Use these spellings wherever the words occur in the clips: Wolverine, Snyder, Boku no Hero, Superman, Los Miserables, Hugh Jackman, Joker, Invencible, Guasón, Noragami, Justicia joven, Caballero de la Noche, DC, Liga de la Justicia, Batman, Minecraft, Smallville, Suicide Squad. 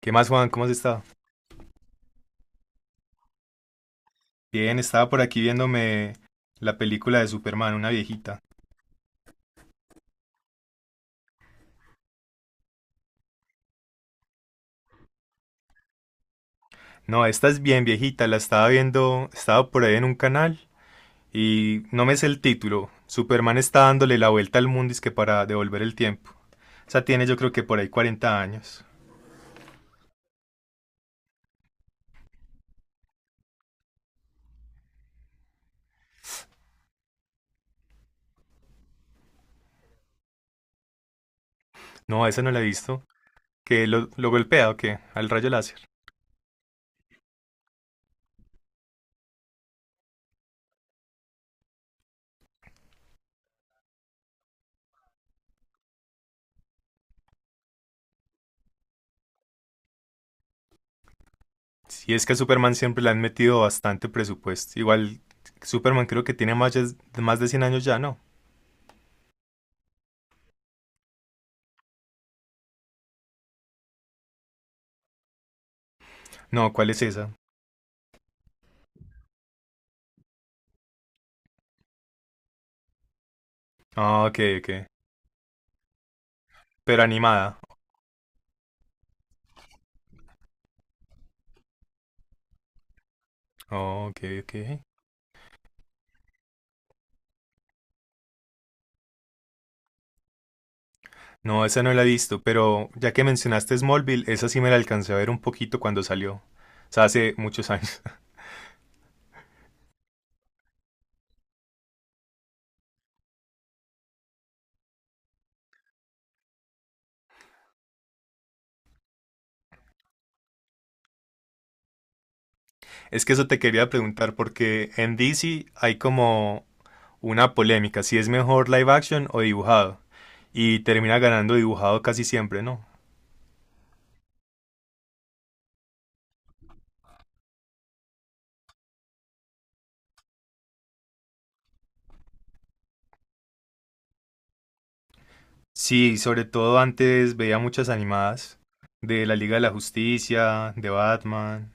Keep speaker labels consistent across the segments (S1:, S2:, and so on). S1: ¿Qué más, Juan? ¿Cómo has estado? Bien, estaba por aquí viéndome la película de Superman, una viejita. No, esta es bien viejita, la estaba viendo, estaba por ahí en un canal y no me sé el título. Superman está dándole la vuelta al mundo es que para devolver el tiempo. O sea, tiene yo creo que por ahí 40 años. No, esa no la he visto. ¿Que lo golpea o qué? Al rayo láser. Si es que a Superman siempre le han metido bastante presupuesto. Igual Superman creo que tiene más, más de 100 años ya, ¿no? No, ¿cuál es esa? Ah, ok, ok. Pero animada. Oh, ok, ok. No, esa no la he visto, pero ya que mencionaste Smallville, esa sí me la alcancé a ver un poquito cuando salió. O sea, hace muchos años. Es que eso te quería preguntar, porque en DC hay como una polémica, si es mejor live action o dibujado. Y termina ganando dibujado casi siempre, ¿no? Sí, sobre todo antes veía muchas animadas de la Liga de la Justicia, de Batman.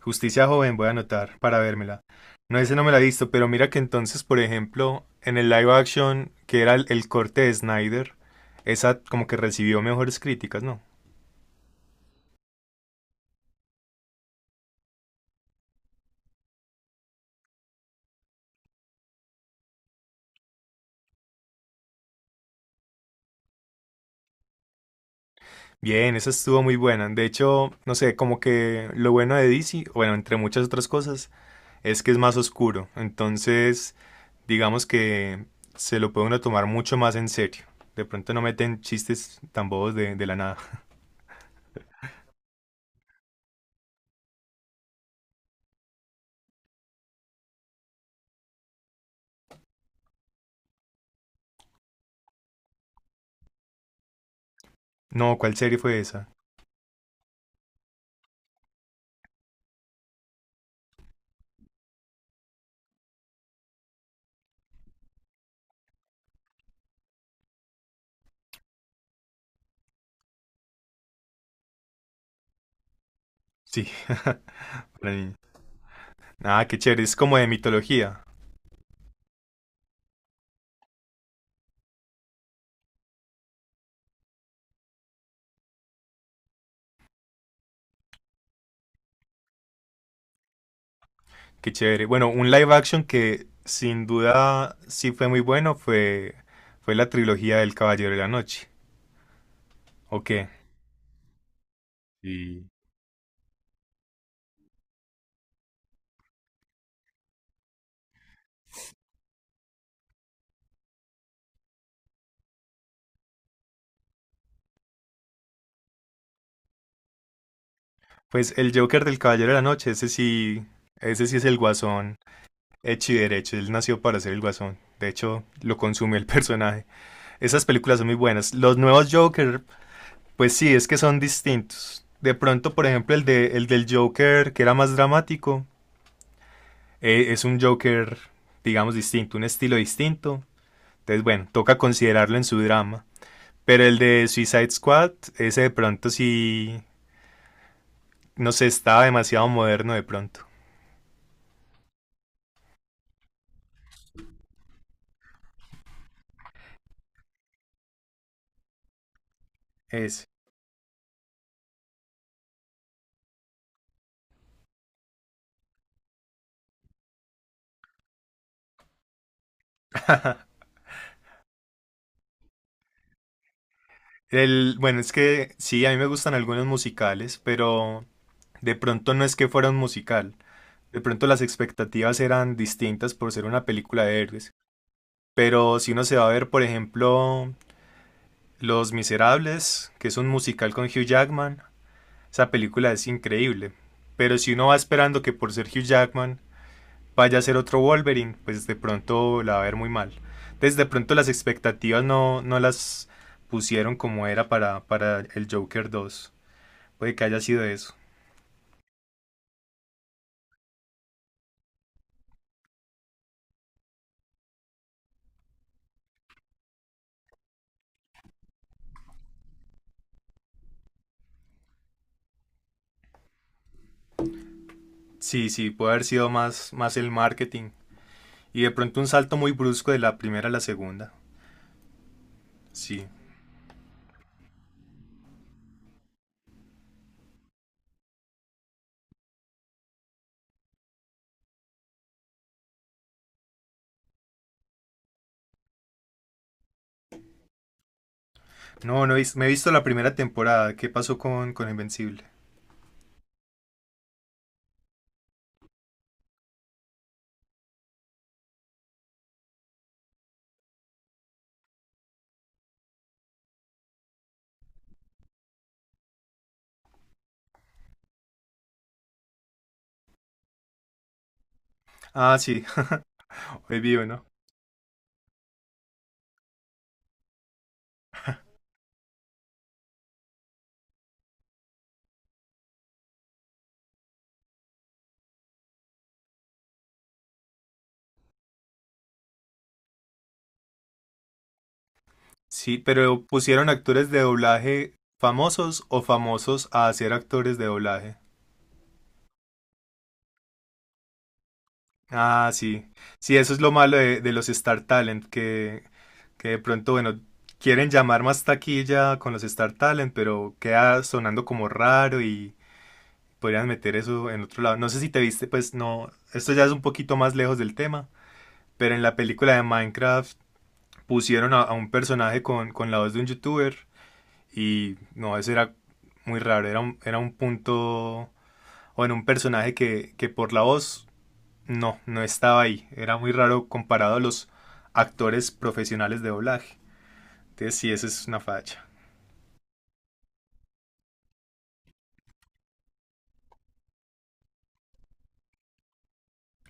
S1: Justicia joven, voy a anotar para vérmela. No, ese no me la he visto, pero mira que entonces, por ejemplo, en el live action, que era el corte de Snyder, esa como que recibió mejores críticas, ¿no? Bien, esa estuvo muy buena. De hecho, no sé, como que lo bueno de DC, bueno, entre muchas otras cosas, es que es más oscuro. Entonces, digamos que se lo puede uno tomar mucho más en serio. De pronto no meten chistes tan bobos de la nada. No, ¿cuál serie fue esa? Sí, para mí. Ah, qué chévere, es como de mitología. Qué chévere. Bueno, un live action que sin duda sí fue muy bueno fue, fue la trilogía del Caballero de la Noche. ¿O qué? Sí. Pues el Joker del Caballero de la Noche, ese sí es el Guasón hecho y derecho. Él nació para ser el Guasón. De hecho, lo consume el personaje. Esas películas son muy buenas. Los nuevos Joker, pues sí, es que son distintos. De pronto, por ejemplo, el del Joker, que era más dramático, es un Joker, digamos, distinto, un estilo distinto. Entonces, bueno, toca considerarlo en su drama. Pero el de Suicide Squad, ese de pronto sí, no sé, estaba demasiado moderno de pronto. Ese. El, bueno, es que sí, a mí me gustan algunos musicales, pero de pronto no es que fuera un musical. De pronto las expectativas eran distintas por ser una película de héroes. Pero si uno se va a ver, por ejemplo, Los Miserables, que es un musical con Hugh Jackman, esa película es increíble. Pero si uno va esperando que por ser Hugh Jackman vaya a ser otro Wolverine, pues de pronto la va a ver muy mal. Entonces de pronto las expectativas no, no las pusieron como era para el Joker dos. Puede que haya sido eso. Sí, sí, puede haber sido más, más el marketing. Y de pronto un salto muy brusco de la primera a la segunda. Sí. No, no me he visto la primera temporada. ¿Qué pasó con Invencible? Ah, sí, es vivo, ¿no? Sí, pero pusieron actores de doblaje famosos o famosos a hacer actores de doblaje. Ah, sí. Sí, eso es lo malo de los Star Talent, que de pronto, bueno, quieren llamar más taquilla con los Star Talent, pero queda sonando como raro y podrían meter eso en otro lado. No sé si te viste, pues no, esto ya es un poquito más lejos del tema, pero en la película de Minecraft pusieron a un personaje con la voz de un youtuber. Y no, eso era muy raro, era era un punto, bueno, un personaje que por la voz no, no estaba ahí, era muy raro comparado a los actores profesionales de doblaje. Entonces sí, esa es una facha.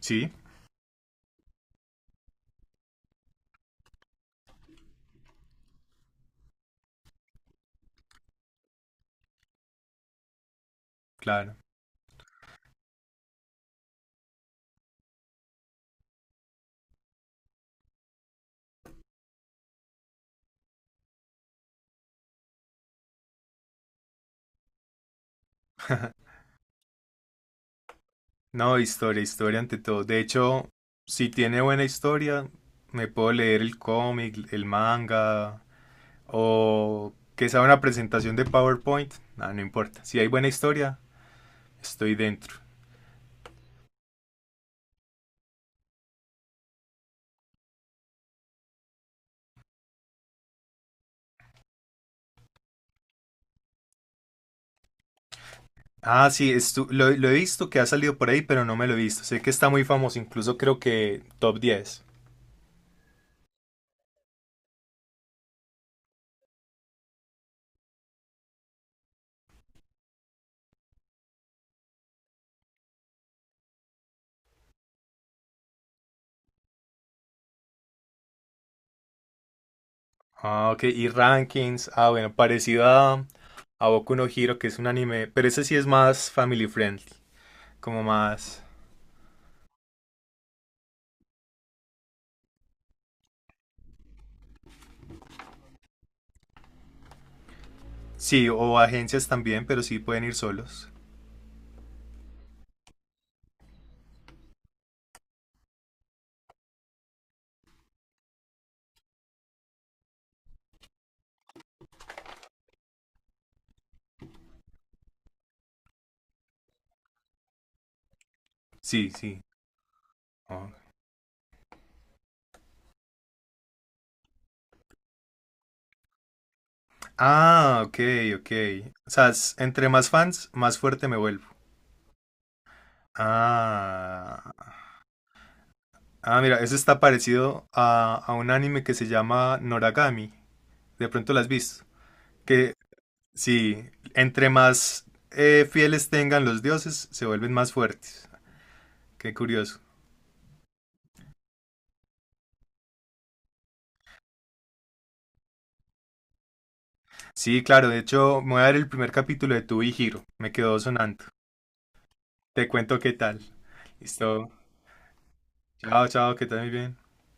S1: Sí, claro. No, historia, historia ante todo. De hecho, si tiene buena historia, me puedo leer el cómic, el manga, o que sea una presentación de PowerPoint, nada no importa. Si hay buena historia, estoy dentro. Ah, sí, lo he visto que ha salido por ahí, pero no me lo he visto. Sé que está muy famoso, incluso creo que top 10. Ah, ok, y rankings. Ah, bueno, parecido a Boku no Hero, que es un anime, pero ese sí es más family friendly, como más... Sí, o agencias también, pero sí pueden ir solos. Sí, sí. Ah, ah, ok, ok. O sea, es- entre más fans, más fuerte me vuelvo. Ah, ah, mira, eso está parecido a un anime que se llama Noragami. De pronto las has visto, que sí, entre más fieles tengan los dioses, se vuelven más fuertes. Qué curioso. Sí, claro, de hecho, me voy a dar el primer capítulo de Tu y Giro. Me quedó sonando. Te cuento qué tal. Listo. Chao, chao, que tal muy bien.